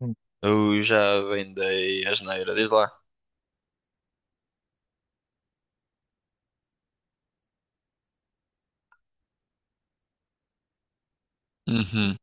Hum. Eu já vendei a asneira, diz lá. Uhum,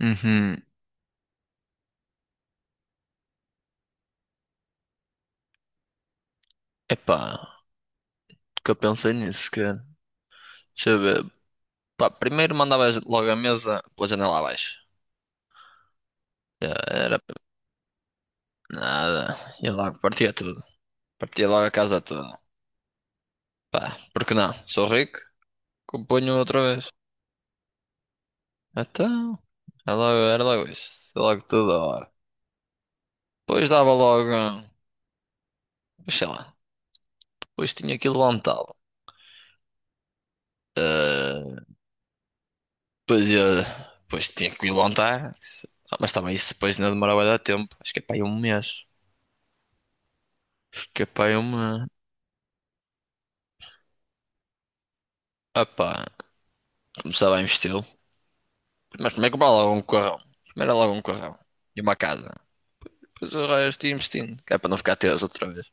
uhum. Epá, que eu pensei nisso, cara. Deixa eu ver. Pá, primeiro mandavas logo a mesa pela janela abaixo. Já era nada. E logo partia tudo. Partia logo a casa toda. Pá, porque não? Sou rico, componho outra vez. Então, era logo isso. Era logo toda hora. Depois dava logo, sei lá, depois tinha aquilo montado. Eh, Depois, eu, depois tinha que me levantar. Ah, mas também isso depois não demorava a dar tempo. Acho que é para aí um mês. Acho que é para aí uma. Ah pá, começava a investi-lo. Mas primeiro comprar logo um carrão. Primeiro era logo um carrão. E uma casa. Depois o resto ia investindo. Que é para não ficar teso outra vez.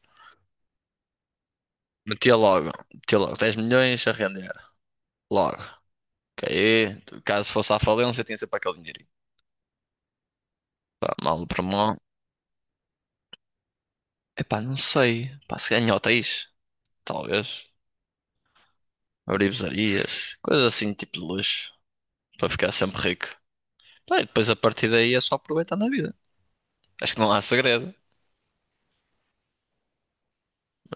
Metia logo. Metia logo 10 milhões a render. Logo. Que aí, caso fosse à falência, tinha sempre aquele dinheirinho. Pá, mal para mal. Epá, não sei. Pá, se ganhar hotéis. Talvez. Abrir pizzarias. Coisas assim, tipo de luxo. Para ficar sempre rico. Pá, e depois a partir daí é só aproveitar na vida. Acho que não há segredo.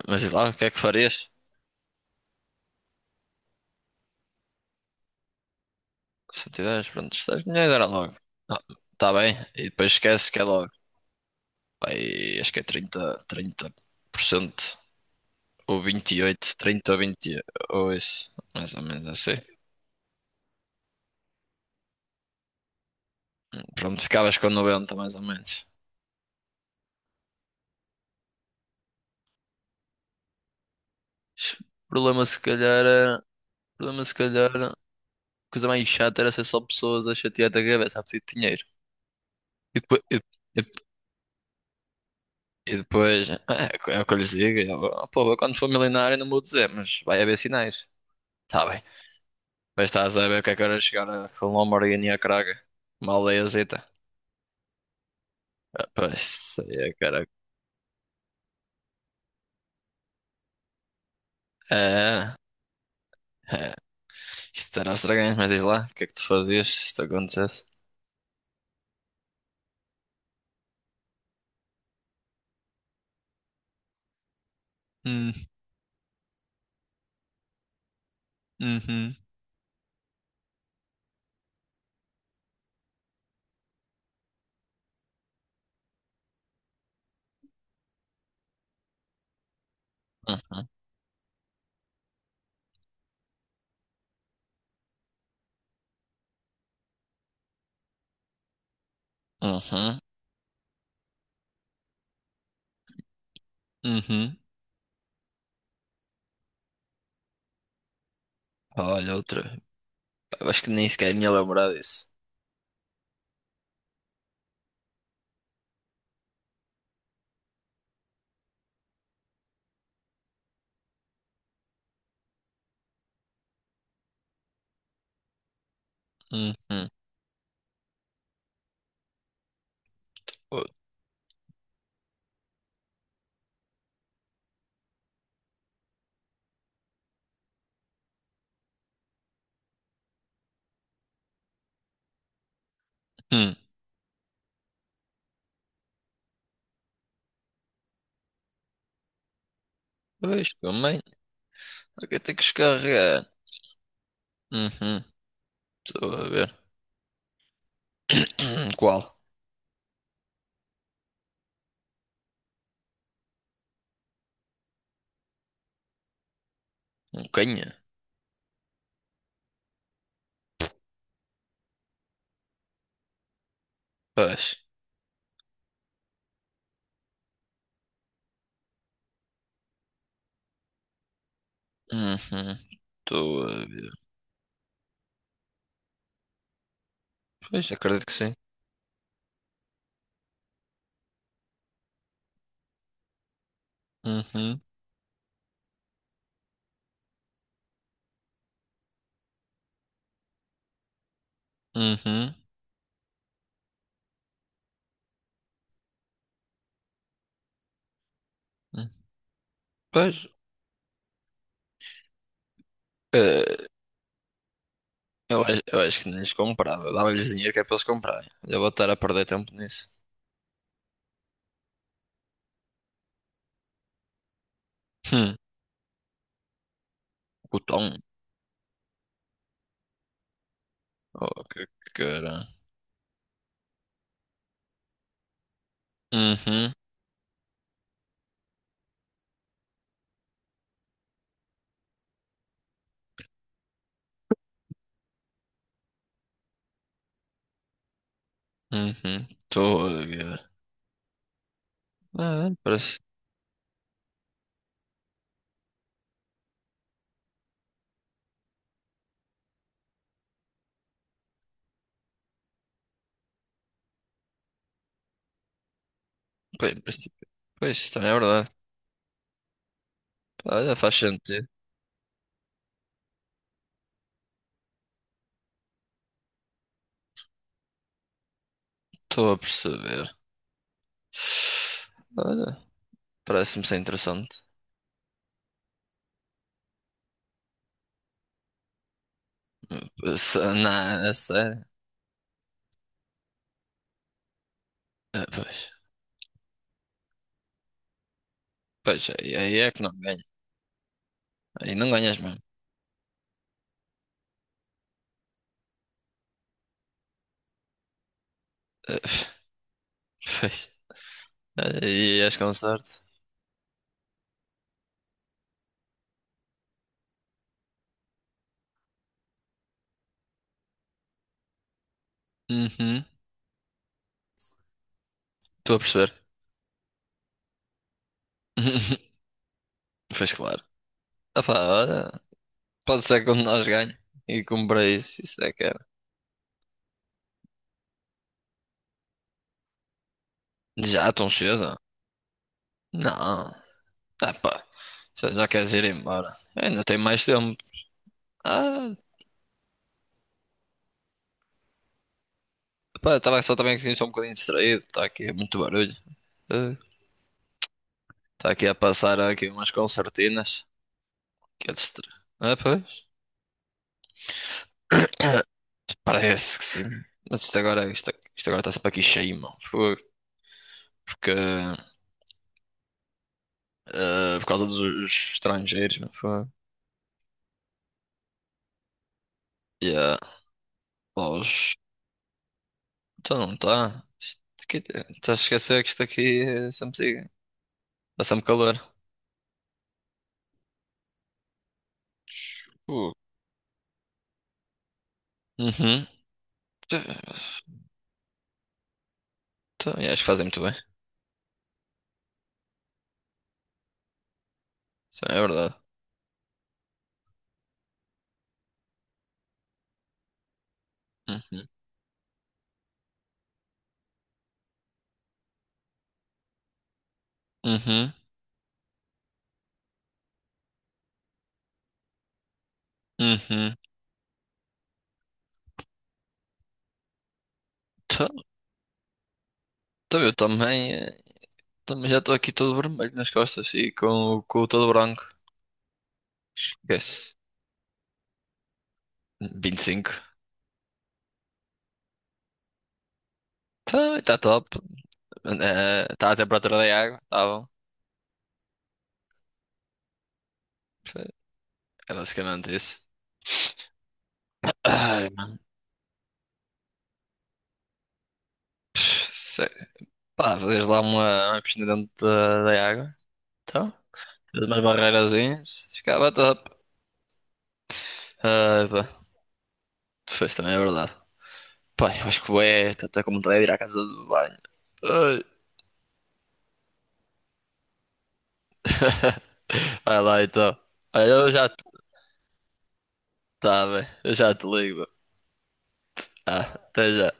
Mas diz lá, o que é que farias? Se eu tivesse, pronto, 6 milhões era logo. Ah, tá bem. E depois esqueces que é logo. Pá, e acho que é 30, 30% ou 28, 30 ou 20 ou isso. Mais ou menos assim. Pronto, ficavas com 90 mais ou menos. O problema se calhar... A coisa mais chata era ser só pessoas a chatear da cabeça a pedir dinheiro. E depois, E depois, é o que eu lhes digo. E eu, "Oh, pô, eu quando for milionário não vou dizer, mas vai haver sinais." Tá bem. Mas estás a ver o que é que era chegar a com uma Lamborghini a Praga? Uma aldeiazita. Ah, pois, isso aí é caraca. É, é. Isto era estranho, mas diz lá, o que é que tu fazias se isto acontecesse? Hum, uhum. Uhum, uhum, uhum. Olha, outra. Pá, acho que nem sequer me ia lembrar disso. Uhum. Outro. Hum. Pois, também. O que eu tenho que descarregar? Uhum. Estou a ver. Qual? Um canha? Pois. Uhum. Estou a ver. Pois, acredito que sim. Uhum. Uhum. Uhum. Pois. eh, eu acho que nem lhes comprava. Eu dava-lhes dinheiro que é para eles comprarem. Já vou estar a perder tempo nisso. Hum. O tom. Oh, que cara. Uhum. Uhum. Estou a ver. Ah, parece. Pois, pois, isso também é verdade. Olha, faz sentido. Estou a perceber. Olha, parece-me ser interessante. Não, é sério. Ah, pois, pois, aí é que não ganha. Aí não ganhas mesmo. Ah, pois, aí és com sorte. Uhum, estou a perceber. Pois claro. Opá, olha, pode ser que um de nós ganhe e cumpra isso, isso é que era. Já tão cedo? Não. Ah, pá, já queres ir embora? Ainda tem mais tempo. Ah, pá, estava só também aqui só um bocadinho distraído, está aqui muito barulho. Está aqui a passar aqui umas concertinas. Que é distra... Ah, pois. Parece que sim. Mas isto agora está sempre aqui cheio, mano. Foi. Porque, por causa dos estrangeiros, mano. Foi. Yeah. Pá, então não está. Estás a esquecer que isto aqui é sempre siga. Está sempre calor. Uh. Uhum. Tá- Então, e acho que fazem muito bem. Isso é verdade. Uhum. Uhum. Uhum. Tá- tá, eu também, também já estou aqui todo vermelho nas costas e com o todo branco. Esquece. 25. Tá top. Está a temperatura da água, tá bom. É basicamente isso. Ai, mano. Sei. Pá, fazias lá uma piscina dentro da água. Então, fez umas barreirazinhas, ficava top. Ai, pá. Tu fez também, é verdade. Pá, eu acho que é, estou até com vontade de ir à casa do banho. Ai. Vai lá então. Olha, eu já. Tá bem, eu já te ligo. Ah, até já.